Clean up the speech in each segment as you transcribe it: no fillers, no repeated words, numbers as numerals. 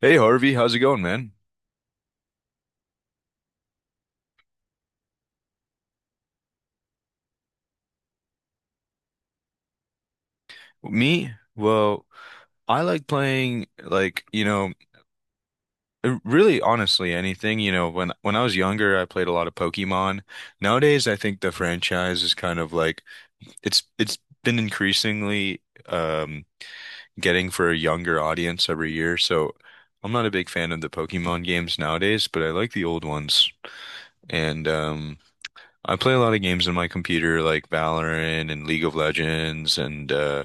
Hey Harvey, how's it going, man? Me? Well, I like playing like, really honestly anything, when I was younger, I played a lot of Pokemon. Nowadays, I think the franchise is kind of like it's been increasingly um getting for a younger audience every year. So, I'm not a big fan of the Pokemon games nowadays, but I like the old ones. And I play a lot of games on my computer like Valorant and League of Legends and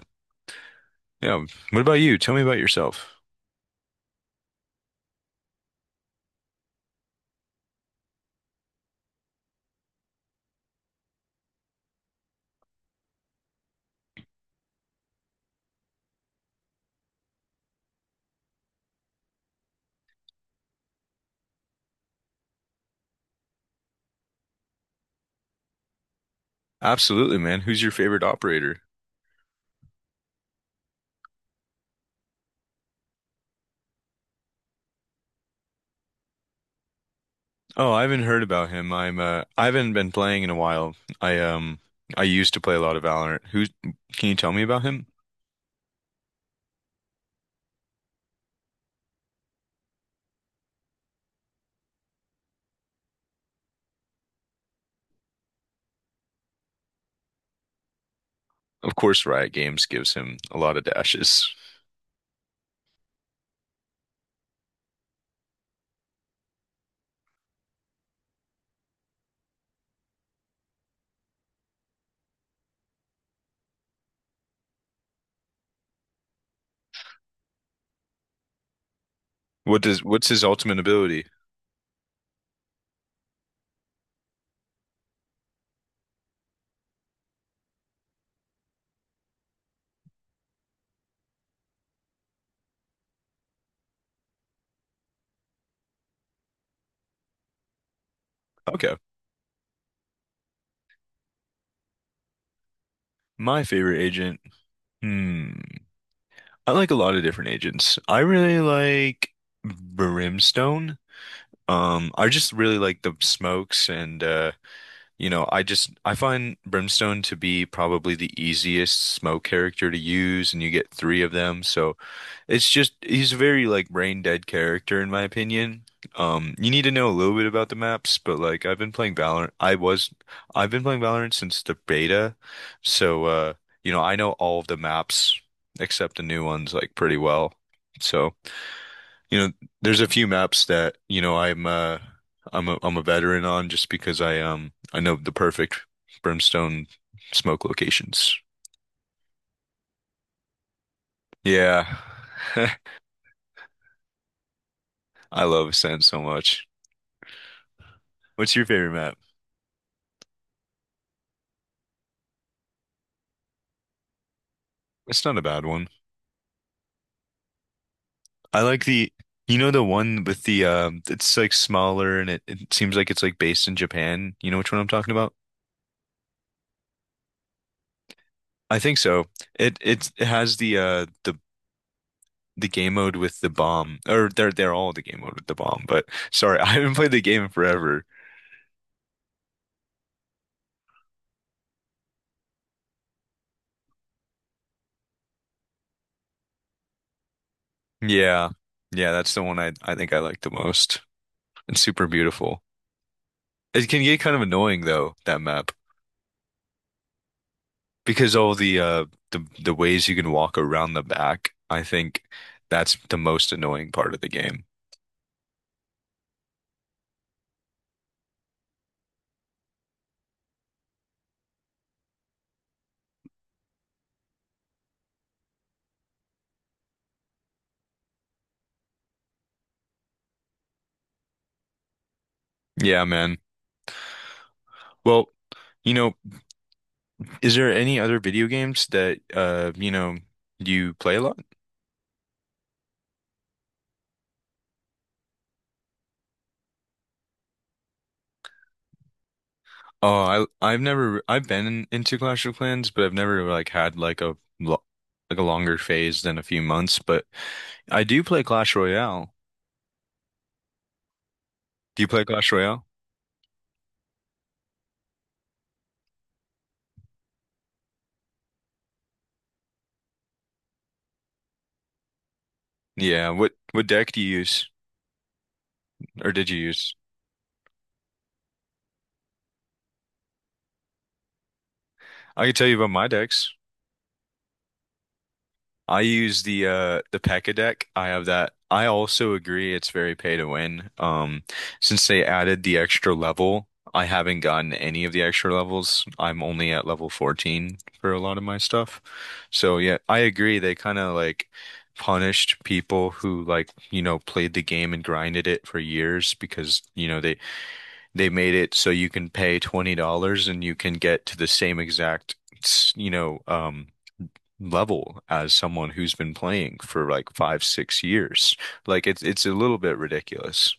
yeah. What about you? Tell me about yourself. Absolutely, man. Who's your favorite operator? Oh, I haven't heard about him. I haven't been playing in a while. I um I used to play a lot of Valorant. Who Can you tell me about him? Of course, Riot Games gives him a lot of dashes. What's his ultimate ability? Okay. My favorite agent. Hmm. I like a lot of different agents. I really like Brimstone. I just really like the smokes and I find Brimstone to be probably the easiest smoke character to use, and you get three of them. So it's just he's a very like brain dead character in my opinion. You need to know a little bit about the maps, but like I've been playing Valorant. I've been playing Valorant since the beta, so I know all of the maps except the new ones like pretty well. So. You know, there's a few maps that, I'm a veteran on just because I know the perfect brimstone smoke locations. Yeah. I love sand so much. What's your favorite map? It's not a bad one. I like the you know the one with the it's like smaller and it seems like it's like based in Japan. You know which one I'm talking about? I think so. It has the game mode with the bomb, or they're all the game mode with the bomb. But sorry, I haven't played the game in forever. Yeah, yeah, that's the one I think I like the most. It's super beautiful. It can get kind of annoying though that map because all the ways you can walk around the back. I think that's the most annoying part of the game. Yeah, man. Well, you know, is there any other video games that you play a lot? Oh, I I've never I've been into Clash of Clans, but I've never like had like a longer phase than a few months. But I do play Clash Royale. Do you play Clash Royale? Yeah. What deck do you use, or did you use? I can tell you about my decks. I use the P.E.K.K.A deck. I have that. I also agree it's very pay to win. Since they added the extra level, I haven't gotten any of the extra levels. I'm only at level 14 for a lot of my stuff. So yeah, I agree. They kind of like punished people who like, played the game and grinded it for years because, they made it so you can pay $20 and you can get to the same exact, you know, um level as someone who's been playing for like five, 6 years. Like it's a little bit ridiculous.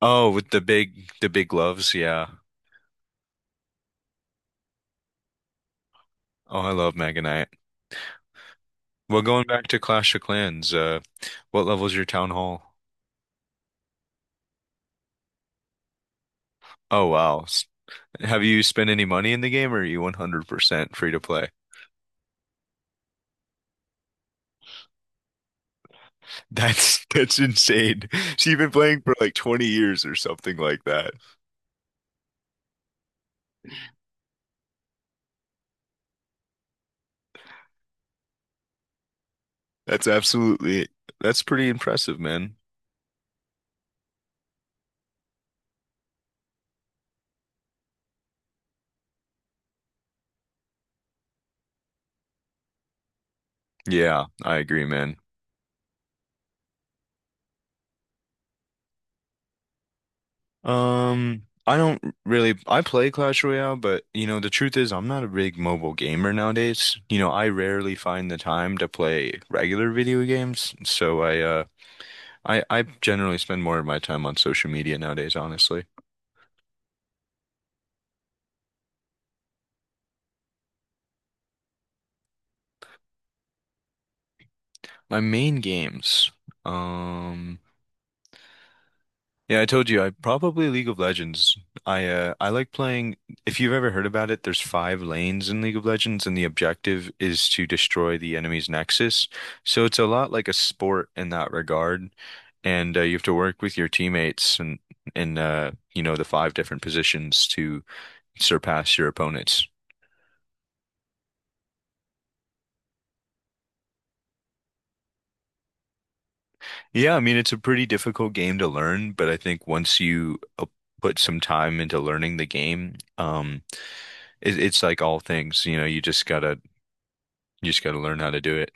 Oh, with the big gloves, yeah. Oh, I love Mega Knight. Well, going back to Clash of Clans, what level is your town hall? Oh wow. Have you spent any money in the game or are you 100% free to play? That's insane. So you've been playing for like 20 years or something like that. That's absolutely that's pretty impressive, man. Yeah, I agree, man. I don't really, I play Clash Royale, but the truth is I'm not a big mobile gamer nowadays. I rarely find the time to play regular video games, so I generally spend more of my time on social media nowadays, honestly. My main games. Um Yeah, I told you, I probably League of Legends. I like playing if you've ever heard about it, there's five lanes in League of Legends and the objective is to destroy the enemy's nexus. So it's a lot like a sport in that regard. And you have to work with your teammates and in the five different positions to surpass your opponents. Yeah, I mean it's a pretty difficult game to learn, but I think once you put some time into learning the game, it's like all things, You just got to learn how to do it.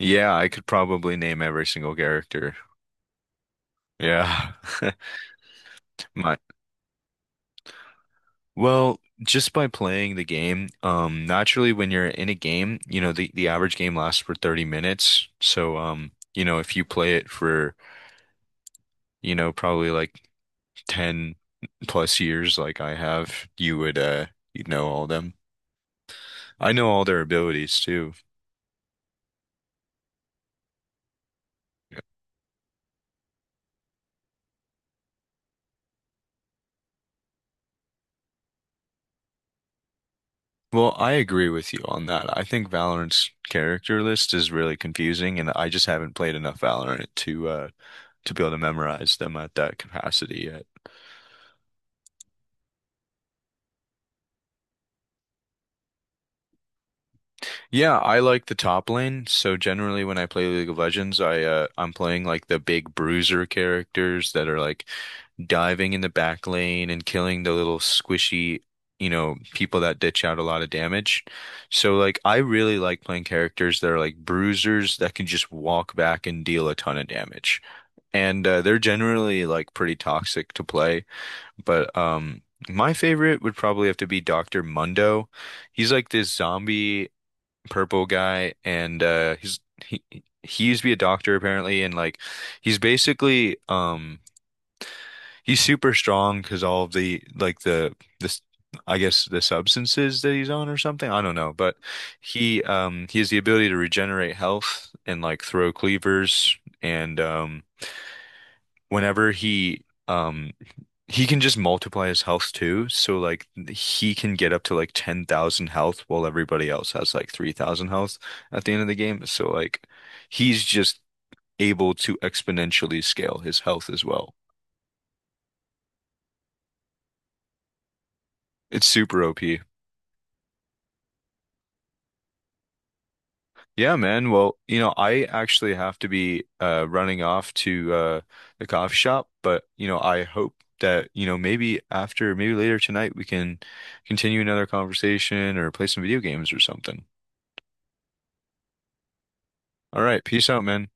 Yeah, I could probably name every single character. Yeah. My Well, just by playing the game, naturally when you're in a game, the average game lasts for 30 minutes. So, if you play it for, probably like 10 plus years like I have, you'd know all them. I know all their abilities too. Well, I agree with you on that. I think Valorant's character list is really confusing, and I just haven't played enough Valorant to be able to memorize them at that capacity yet. Yeah, I like the top lane, so generally when I play League of Legends, I'm playing like the big bruiser characters that are like diving in the back lane and killing the little squishy, people that ditch out a lot of damage. So like I really like playing characters that are like bruisers that can just walk back and deal a ton of damage. And they're generally like pretty toxic to play. But my favorite would probably have to be Dr. Mundo. He's like this zombie purple guy, and he he used to be a doctor apparently, and like he's basically he's super strong because all of the like the this. I guess the substances that he's on or something. I don't know, but he has the ability to regenerate health and like throw cleavers and whenever he can just multiply his health too, so like he can get up to like 10,000 health while everybody else has like 3,000 health at the end of the game. So like he's just able to exponentially scale his health as well. It's super OP. Yeah, man. Well, I actually have to be running off to the coffee shop, but I hope that, maybe later tonight we can continue another conversation or play some video games or something. All right, peace out, man.